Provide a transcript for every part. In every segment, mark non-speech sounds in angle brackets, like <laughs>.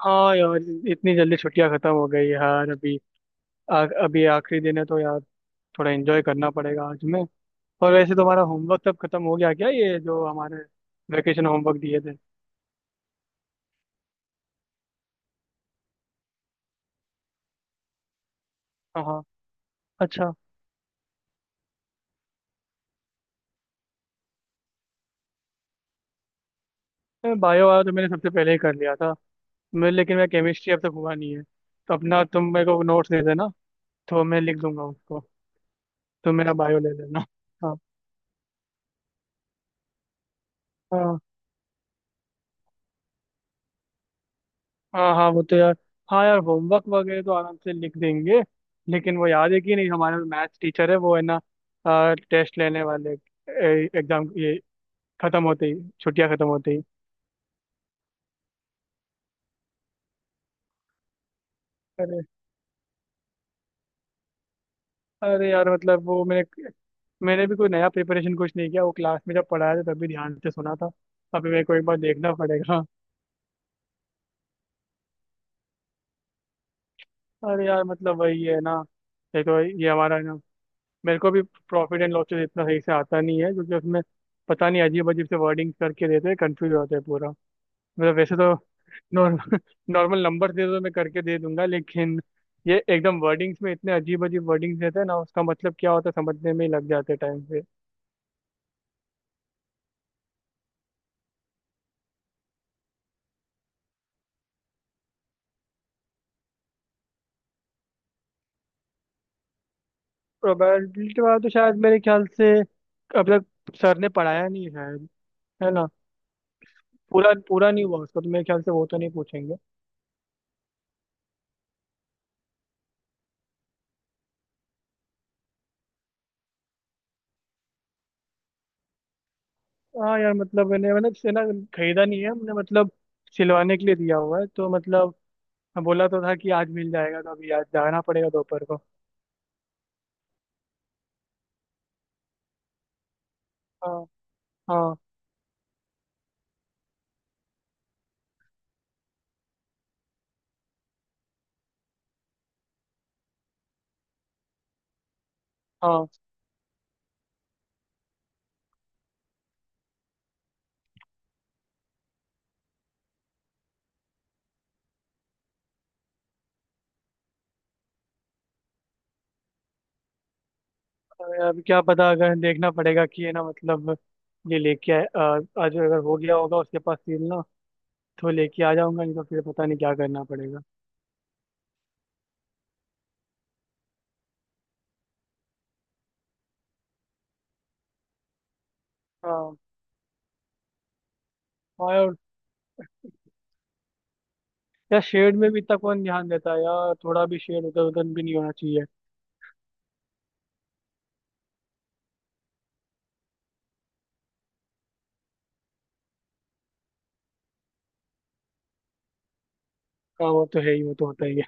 हाँ यार। इतनी जल्दी छुट्टियां खत्म हो गई यार। अभी अभी आखिरी दिन है तो यार थोड़ा एंजॉय करना पड़ेगा आज में। और वैसे तुम्हारा होमवर्क तब खत्म हो गया क्या, ये जो हमारे वेकेशन होमवर्क दिए थे? हाँ हाँ। अच्छा। मैं बायो वाला तो मैंने सबसे पहले ही कर लिया था। मैं लेकिन मैं केमिस्ट्री अब तक हुआ नहीं है, तो अपना तुम मेरे को नोट्स दे देना, तो मैं लिख दूंगा उसको। तुम मेरा बायो ले लेना। हाँ। हाँ। हाँ हाँ, वो तो यार। हाँ यार, होमवर्क वगैरह तो आराम से लिख देंगे। लेकिन वो याद है कि नहीं, हमारा मैथ्स टीचर है वो, है ना, टेस्ट लेने वाले? एग्जाम ये खत्म होते ही, छुट्टियां खत्म होते ही। अरे। अरे यार मतलब वो मैंने मैंने भी कोई नया प्रिपरेशन कुछ नहीं किया। वो क्लास में जब पढ़ाया था तभी ध्यान से सुना था। अभी मेरे को एक बार देखना पड़ेगा। अरे यार मतलब वही है ना। देखो ये हमारा है ना, मेरे को भी प्रॉफिट एंड लॉसेस इतना सही से आता नहीं है, क्योंकि उसमें पता नहीं अजीब अजीब से वर्डिंग करके देते हैं, कंफ्यूज होते हैं पूरा। मतलब वैसे तो नॉर्मल नॉर्मल नंबर दे दो मैं करके दे दूंगा, लेकिन ये एकदम वर्डिंग्स में इतने अजीब अजीब वर्डिंग्स देते हैं ना, उसका मतलब क्या होता है समझने में ही लग जाते टाइम पे। प्रोबेबिलिटी वाला तो शायद मेरे ख्याल से अब तक सर ने पढ़ाया नहीं है शायद, है ना? पूरा पूरा नहीं हुआ उसका, तो मेरे ख्याल से वो तो नहीं पूछेंगे। हाँ यार मतलब मैंने मैंने से ना, खरीदा नहीं है हमने। मतलब सिलवाने के लिए दिया हुआ है, तो मतलब बोला तो था कि आज मिल जाएगा, तो अभी आज जाना पड़ेगा दोपहर को। हाँ। हाँ। हाँ। अब क्या पता, अगर देखना पड़ेगा कि है ना मतलब, ये लेके आए आज अगर हो गया होगा उसके पास सील ना, तो लेके आ जाऊंगा, नहीं तो फिर पता नहीं क्या करना पड़ेगा। हाँ। हाँ यार। यार शेड में भी इतना कौन ध्यान देता है यार, थोड़ा भी शेड उधर उधर भी नहीं होना चाहिए। हाँ, वो तो है ही, वो तो होता ही है।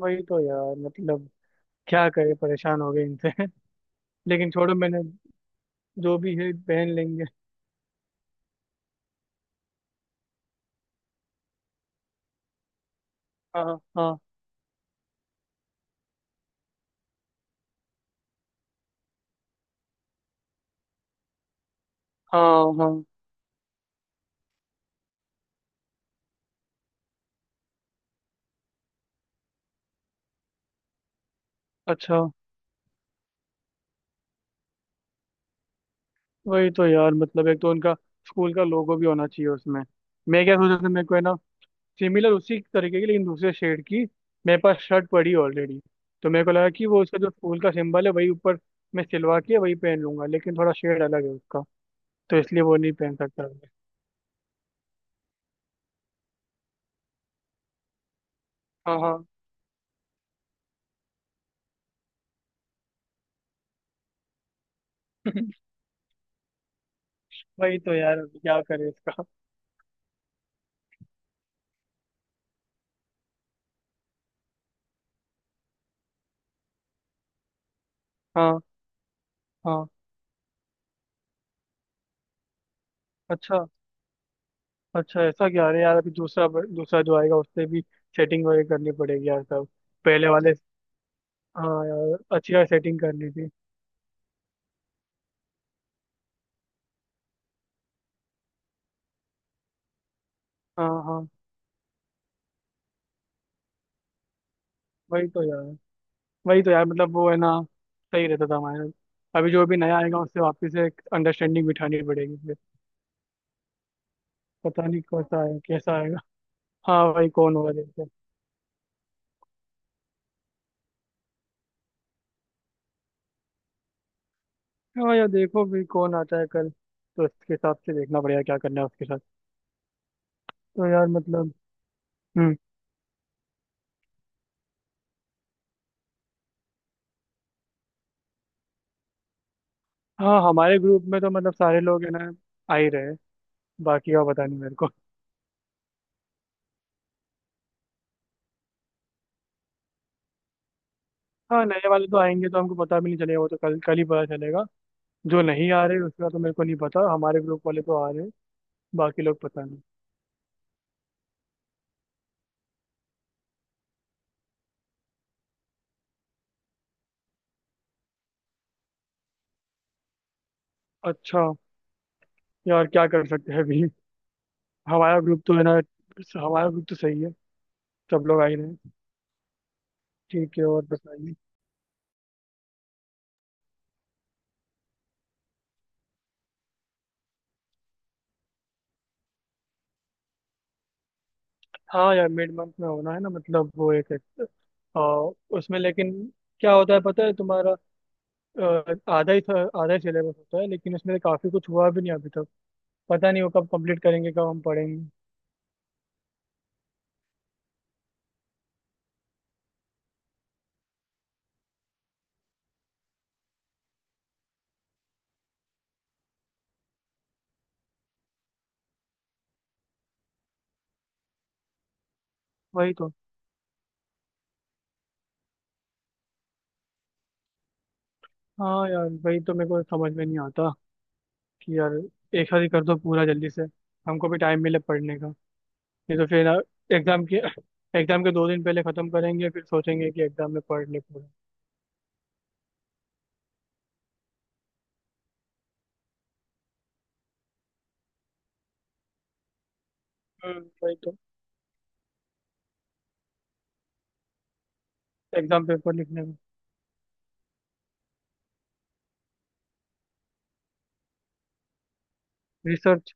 वही तो यार, मतलब क्या करे, परेशान हो गए इनसे। <laughs> लेकिन छोड़ो, मैंने जो भी है पहन लेंगे। हाँ। हाँ। हाँ। हाँ। अच्छा। वही तो यार मतलब, एक तो उनका स्कूल का लोगो भी होना चाहिए उसमें। मैं क्या सोच रहा था मेरे को है ना, सिमिलर उसी तरीके की, लेकिन दूसरे शेड की। मेरे पास शर्ट पड़ी ऑलरेडी, तो मेरे को लगा कि वो उसका जो फूल का सिंबल है वही ऊपर, मैं सिलवा के वही पहन लूंगा, लेकिन थोड़ा शेड अलग है उसका, तो इसलिए वो नहीं पहन सकता मैं। हाँ। हाँ। <laughs> वही तो यार, अब क्या करें इसका। हाँ। हाँ। अच्छा। अच्छा ऐसा क्या? अरे यार, अभी दूसरा दूसरा जो आएगा उससे भी सेटिंग वगैरह करनी पड़ेगी यार सब। पहले वाले। हाँ यार, अच्छी यार सेटिंग करनी थी। हाँ। हाँ, वही तो यार, वही तो यार मतलब वो है ना, सही रहता था हमारे। अभी जो भी नया आएगा उससे वापस से एक अंडरस्टैंडिंग बिठानी पड़ेगी फिर। पता नहीं कैसा है कैसा आएगा। हाँ, वही कौन होगा देखते हैं। हाँ यार, देखो भी कौन आता है कल, तो उसके हिसाब से देखना पड़ेगा क्या करना है उसके साथ। तो यार मतलब। हम्म। हाँ, हमारे ग्रुप में तो मतलब सारे लोग है ना, आ ही रहे हैं। बाकी का पता नहीं मेरे को। हाँ, नए वाले तो आएंगे तो हमको पता भी नहीं चलेगा, वो तो कल कल ही पता चलेगा। जो नहीं आ रहे उसका तो मेरे को नहीं पता, हमारे ग्रुप वाले तो आ रहे हैं। बाकी लोग पता नहीं। अच्छा। यार क्या कर सकते हैं अभी। हमारा ग्रुप तो है ना, हमारा ग्रुप तो सही है। सब लोग आ ही रहे हैं। ठीक है, और बताइए। हाँ यार, मिड मंथ में होना है ना। मतलब वो एक एक, आ, उसमें लेकिन क्या होता है पता है तुम्हारा, आधा ही आधा ही सिलेबस होता है, लेकिन उसमें काफी कुछ हुआ भी नहीं अभी तक। पता नहीं वो कब कंप्लीट करेंगे, कब हम पढ़ेंगे। वही तो। हाँ यार वही तो, मेरे को समझ में नहीं आता कि यार, एक साथ ही कर दो पूरा जल्दी से, हमको भी टाइम मिले पढ़ने का। नहीं तो फिर एग्जाम के एग्जाम के दो दिन पहले खत्म करेंगे, फिर सोचेंगे कि एग्जाम में पढ़ ले पूरा। हम्म। वही तो। एग्जाम पेपर लिखने में। रिसर्च।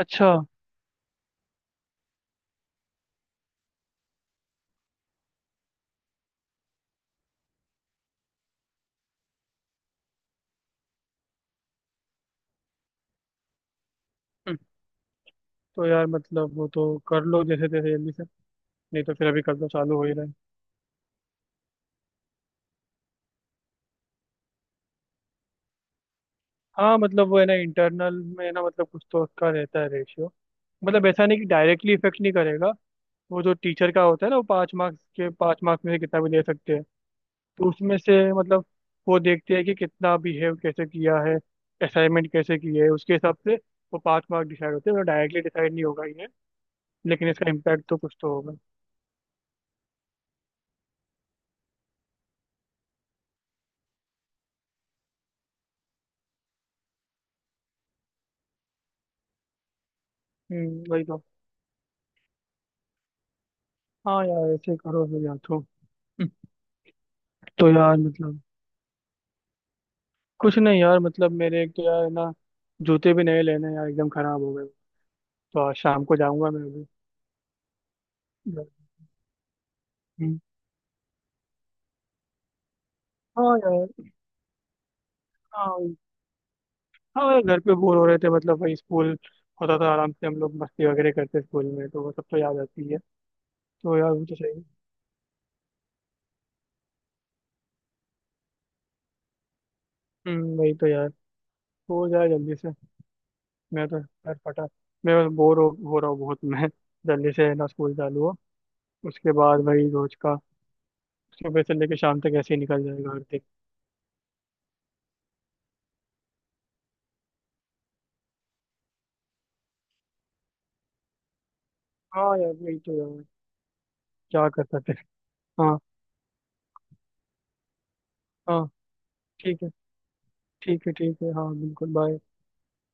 अच्छा। हम्म। तो यार मतलब वो तो कर लो जैसे तैसे जल्दी से, नहीं तो फिर अभी कल तो चालू हो ही रहा है। हाँ, मतलब वो है ना इंटरनल में ना, मतलब कुछ तो उसका रहता है रेशियो। मतलब ऐसा नहीं कि डायरेक्टली इफेक्ट नहीं करेगा। वो जो टीचर का होता है ना, वो पाँच मार्क्स में से कितना भी दे सकते हैं। तो उसमें से मतलब वो देखते हैं कि कितना बिहेव कैसे किया है, असाइनमेंट कैसे किए है, उसके हिसाब से वो पास मार्क डिसाइड होते हैं, डायरेक्टली डिसाइड नहीं होगा ये। लेकिन इसका इम्पैक्ट तो कुछ तो होगा। हम्म। वही तो। हाँ यार ऐसे ही करो फिर यार तो। तो यार मतलब, कुछ नहीं यार, मतलब मेरे, एक तो यार ना, जूते भी नए लेने हैं यार, एकदम खराब हो गए। तो आज शाम को जाऊंगा मैं भी। घर। हम्म। हाँ यार। हाँ। हाँ यार, घर पे बोर हो रहे थे, मतलब वही स्कूल होता था आराम से, हम लोग मस्ती वगैरह करते स्कूल में, तो वो सब तो याद आती है। तो यार वो तो सही है। वही तो यार, हो जाए जल्दी से। मैं तो यार फटा, मैं बस बोर हो रहा हूँ बहुत। <laughs> मैं जल्दी से है ना स्कूल चालू हो। उसके बाद वही रोज का सुबह से लेकर शाम तक ऐसे ही निकल जाएगा हर दिन। हाँ यार, वही तो यार, क्या कर सकते हैं। हाँ। हाँ। ठीक है, ठीक है, ठीक है। हाँ बिल्कुल, बाय।